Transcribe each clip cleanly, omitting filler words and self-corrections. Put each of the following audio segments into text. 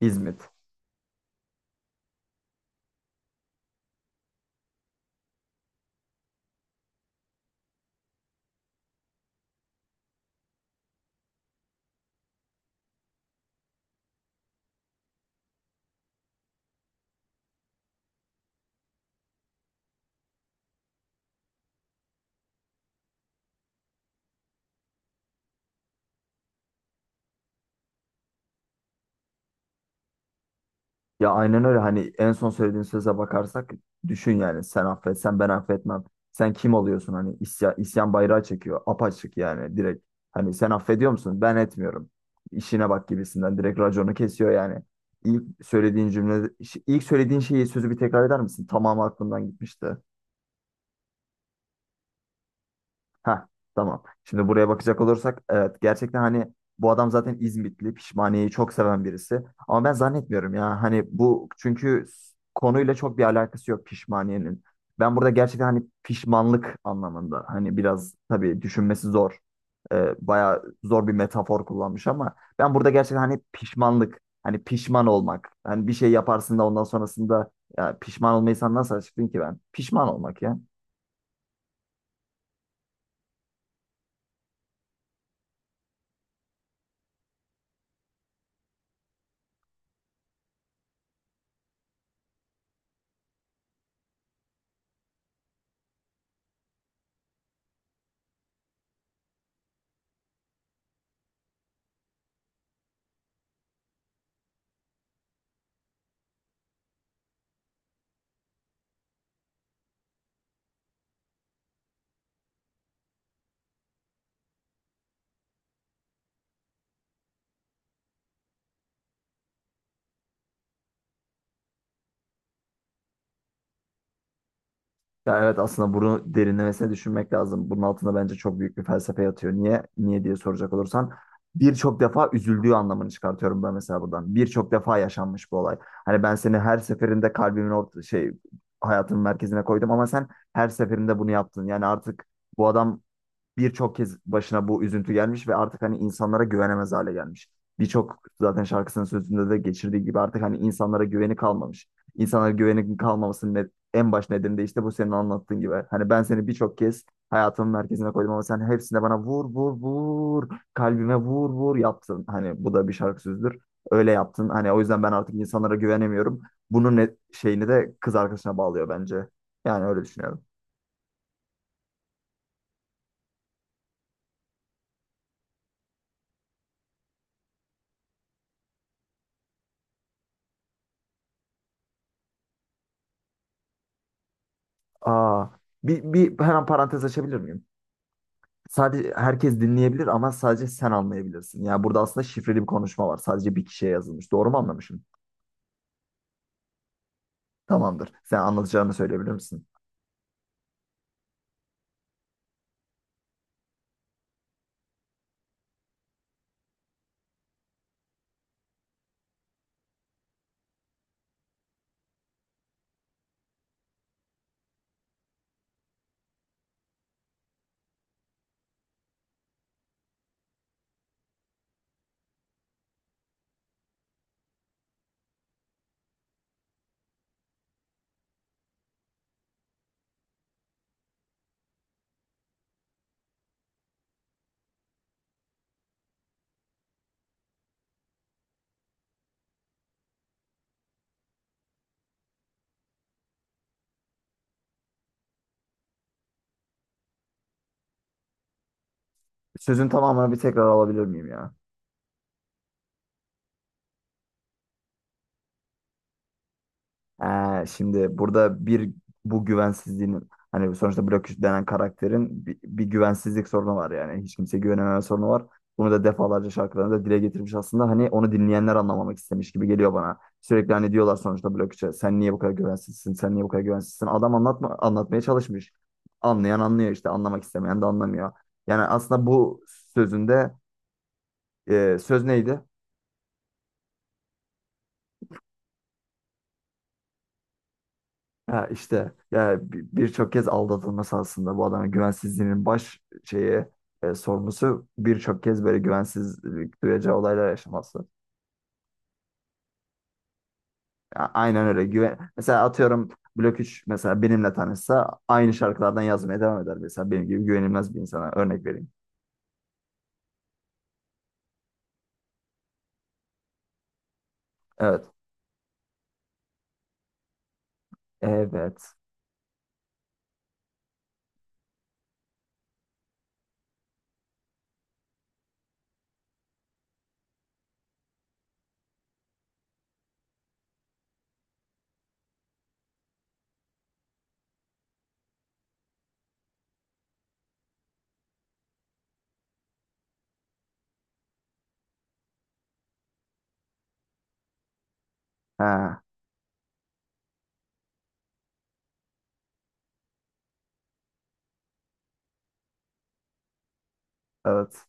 İzmit. Ya aynen öyle, hani en son söylediğin söze bakarsak düşün, yani sen affetsen ben affetmem. Sen kim oluyorsun? Hani isyan, bayrağı çekiyor apaçık, yani direkt. Hani sen affediyor musun? Ben etmiyorum. İşine bak gibisinden direkt raconu kesiyor yani. İlk söylediğin cümle, ilk söylediğin şeyi, sözü bir tekrar eder misin? Tamamı aklımdan gitmişti. Ha, tamam. Şimdi buraya bakacak olursak, evet, gerçekten hani bu adam zaten İzmitli, pişmaniyeyi çok seven birisi. Ama ben zannetmiyorum ya, hani bu, çünkü konuyla çok bir alakası yok pişmaniyenin. Ben burada gerçekten hani pişmanlık anlamında, hani biraz tabii düşünmesi zor. Bayağı zor bir metafor kullanmış, ama ben burada gerçekten hani pişmanlık, hani pişman olmak, hani bir şey yaparsın da ondan sonrasında ya pişman olmayı sen nasıl açıklayayım ki ben? Pişman olmak ya. Ya evet, aslında bunu derinlemesine düşünmek lazım. Bunun altında bence çok büyük bir felsefe yatıyor. Niye? Niye diye soracak olursan, birçok defa üzüldüğü anlamını çıkartıyorum ben mesela buradan. Birçok defa yaşanmış bu olay. Hani ben seni her seferinde kalbimin orta şey, hayatımın merkezine koydum ama sen her seferinde bunu yaptın. Yani artık bu adam birçok kez başına bu üzüntü gelmiş ve artık hani insanlara güvenemez hale gelmiş. Birçok zaten şarkısının sözünde de geçirdiği gibi artık hani insanlara güveni kalmamış. İnsanlara güveni kalmamasının en baş nedeni de işte bu, senin anlattığın gibi. Hani ben seni birçok kez hayatımın merkezine koydum ama sen hepsinde bana vur vur vur, kalbime vur vur yaptın. Hani bu da bir şarkı sözüdür. Öyle yaptın. Hani o yüzden ben artık insanlara güvenemiyorum. Bunun ne, şeyini de kız arkadaşına bağlıyor bence. Yani öyle düşünüyorum. Aa, bir hemen parantez açabilir miyim? Sadece herkes dinleyebilir ama sadece sen anlayabilirsin. Yani burada aslında şifreli bir konuşma var. Sadece bir kişiye yazılmış. Doğru mu anlamışım? Tamamdır. Sen anlatacağını söyleyebilir misin? Sözün tamamını bir tekrar alabilir miyim ya? Ha, şimdi burada bir, bu güvensizliğin, hani sonuçta Blockish denen karakterin bir güvensizlik sorunu var yani. Hiç kimseye güvenememe sorunu var. Bunu da defalarca şarkılarında dile getirmiş aslında. Hani onu dinleyenler anlamamak istemiş gibi geliyor bana. Sürekli hani diyorlar sonuçta Blockage'e, sen niye bu kadar güvensizsin? Sen niye bu kadar güvensizsin? Adam anlatmaya çalışmış. Anlayan anlıyor işte, anlamak istemeyen de anlamıyor. Yani aslında bu sözünde söz neydi? Ha işte ya, birçok kez aldatılması aslında bu adamın güvensizliğinin baş şeyi, sorumlusu birçok kez böyle güvensizlik duyacağı olaylar yaşaması. Aynen öyle. Güven mesela atıyorum, Blok 3 mesela benimle tanışsa aynı şarkılardan yazmaya devam eder mesela, benim gibi güvenilmez bir insana örnek vereyim. Evet. Evet. Ha, evet.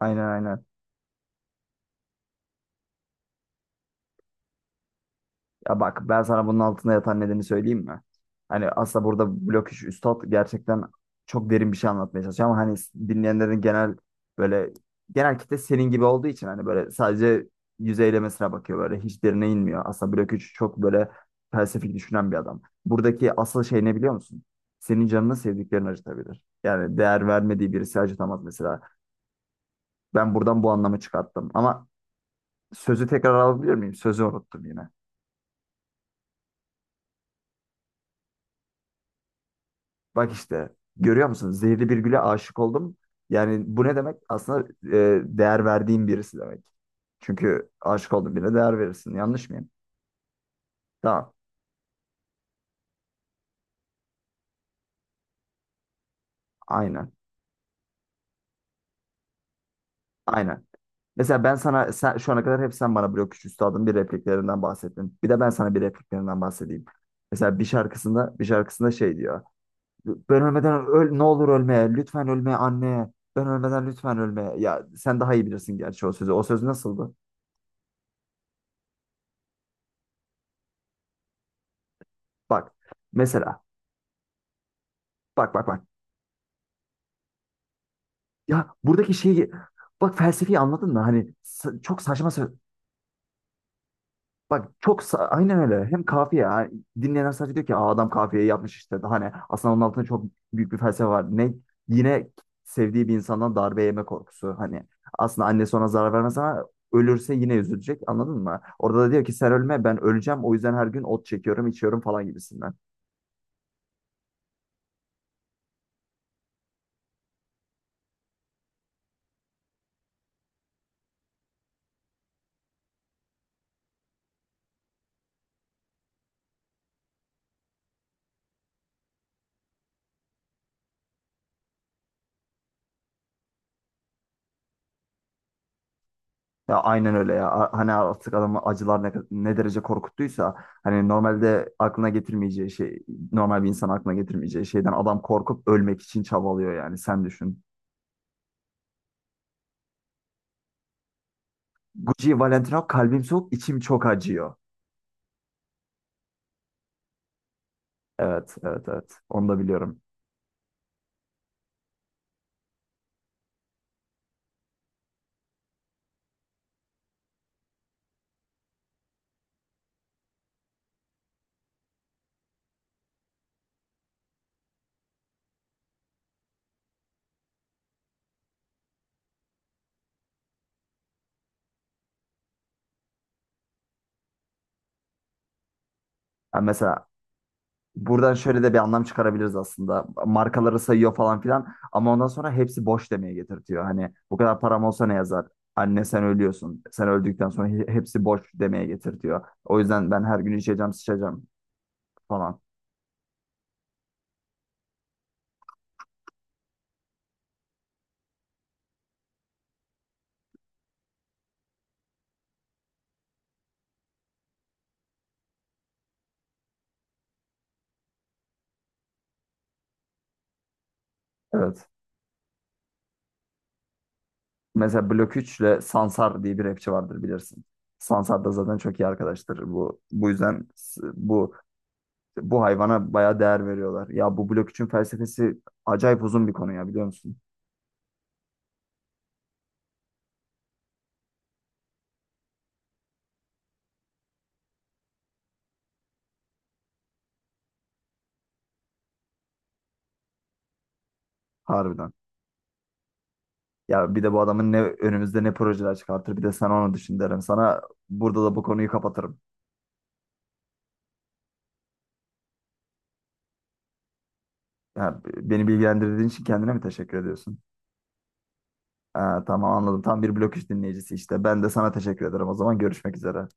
Aynen, aynen. Ya bak, ben sana bunun altında yatan nedeni söyleyeyim mi? Hani aslında burada blok iş üstad gerçekten çok derin bir şey anlatmaya çalışıyor ama hani dinleyenlerin genel, böyle genel kitle senin gibi olduğu için hani böyle sadece yüzeylemesine bakıyor, böyle hiç derine inmiyor. Aslında blok 3 çok böyle felsefik düşünen bir adam. Buradaki asıl şey ne biliyor musun? Senin canını sevdiklerin acıtabilir. Yani değer vermediği birisi acıtamaz mesela. Ben buradan bu anlamı çıkarttım ama sözü tekrar alabilir miyim? Sözü unuttum yine. Bak işte, görüyor musun? Zehirli bir güle aşık oldum. Yani bu ne demek? Aslında değer verdiğim birisi demek. Çünkü aşık olduğun birine değer verirsin. Yanlış mıyım? Tamam. Aynen. Aynen. Mesela ben sana sen, şu ana kadar hep sen bana blok üç üstadın bir repliklerinden bahsettin. Bir de ben sana bir repliklerinden bahsedeyim. Mesela bir şarkısında şey diyor. Ben ölmeden öl, ne olur ölme. Lütfen ölme anne. Ben ölmeden lütfen ölme. Ya sen daha iyi bilirsin gerçi o sözü. O söz nasıldı? Bak mesela. Bak bak bak. Ya buradaki şeyi, bak, felsefeyi anladın mı? Hani çok saçma bak çok aynen öyle. Hem kafiye, yani dinleyenler sadece diyor ki, aa, adam kafiyeyi yapmış işte. Daha, hani aslında onun altında çok büyük bir felsefe var. Ne, yine sevdiği bir insandan darbe yeme korkusu. Hani aslında annesi ona zarar vermez ama ölürse yine üzülecek. Anladın mı? Orada da diyor ki sen ölme, ben öleceğim. O yüzden her gün ot çekiyorum, içiyorum falan gibisinden. Ya aynen öyle ya. Hani artık adamı acılar ne, ne derece korkuttuysa, hani normalde aklına getirmeyeceği şey, normal bir insan aklına getirmeyeceği şeyden adam korkup ölmek için çabalıyor, yani sen düşün. Gucci Valentino, kalbim soğuk, içim çok acıyor. Evet, evet, evet, onu da biliyorum. Yani mesela buradan şöyle de bir anlam çıkarabiliriz aslında. Markaları sayıyor falan filan ama ondan sonra hepsi boş demeye getirtiyor. Hani bu kadar param olsa ne yazar? Anne sen ölüyorsun. Sen öldükten sonra hepsi boş demeye getirtiyor. O yüzden ben her gün içeceğim, sıçacağım falan. Evet. Mesela Blok 3 ile Sansar diye bir rapçi vardır, bilirsin. Sansar da zaten çok iyi arkadaştır. Bu yüzden bu hayvana bayağı değer veriyorlar. Ya bu Blok üçün felsefesi acayip uzun bir konu ya, biliyor musun? Harbiden. Ya bir de bu adamın ne önümüzde ne projeler çıkartır, bir de sen onu düşün derim. Sana burada da bu konuyu kapatırım. Ya, beni bilgilendirdiğin için kendine mi teşekkür ediyorsun? Ha, tamam, anladım. Tam bir blok iş dinleyicisi işte. Ben de sana teşekkür ederim. O zaman görüşmek üzere.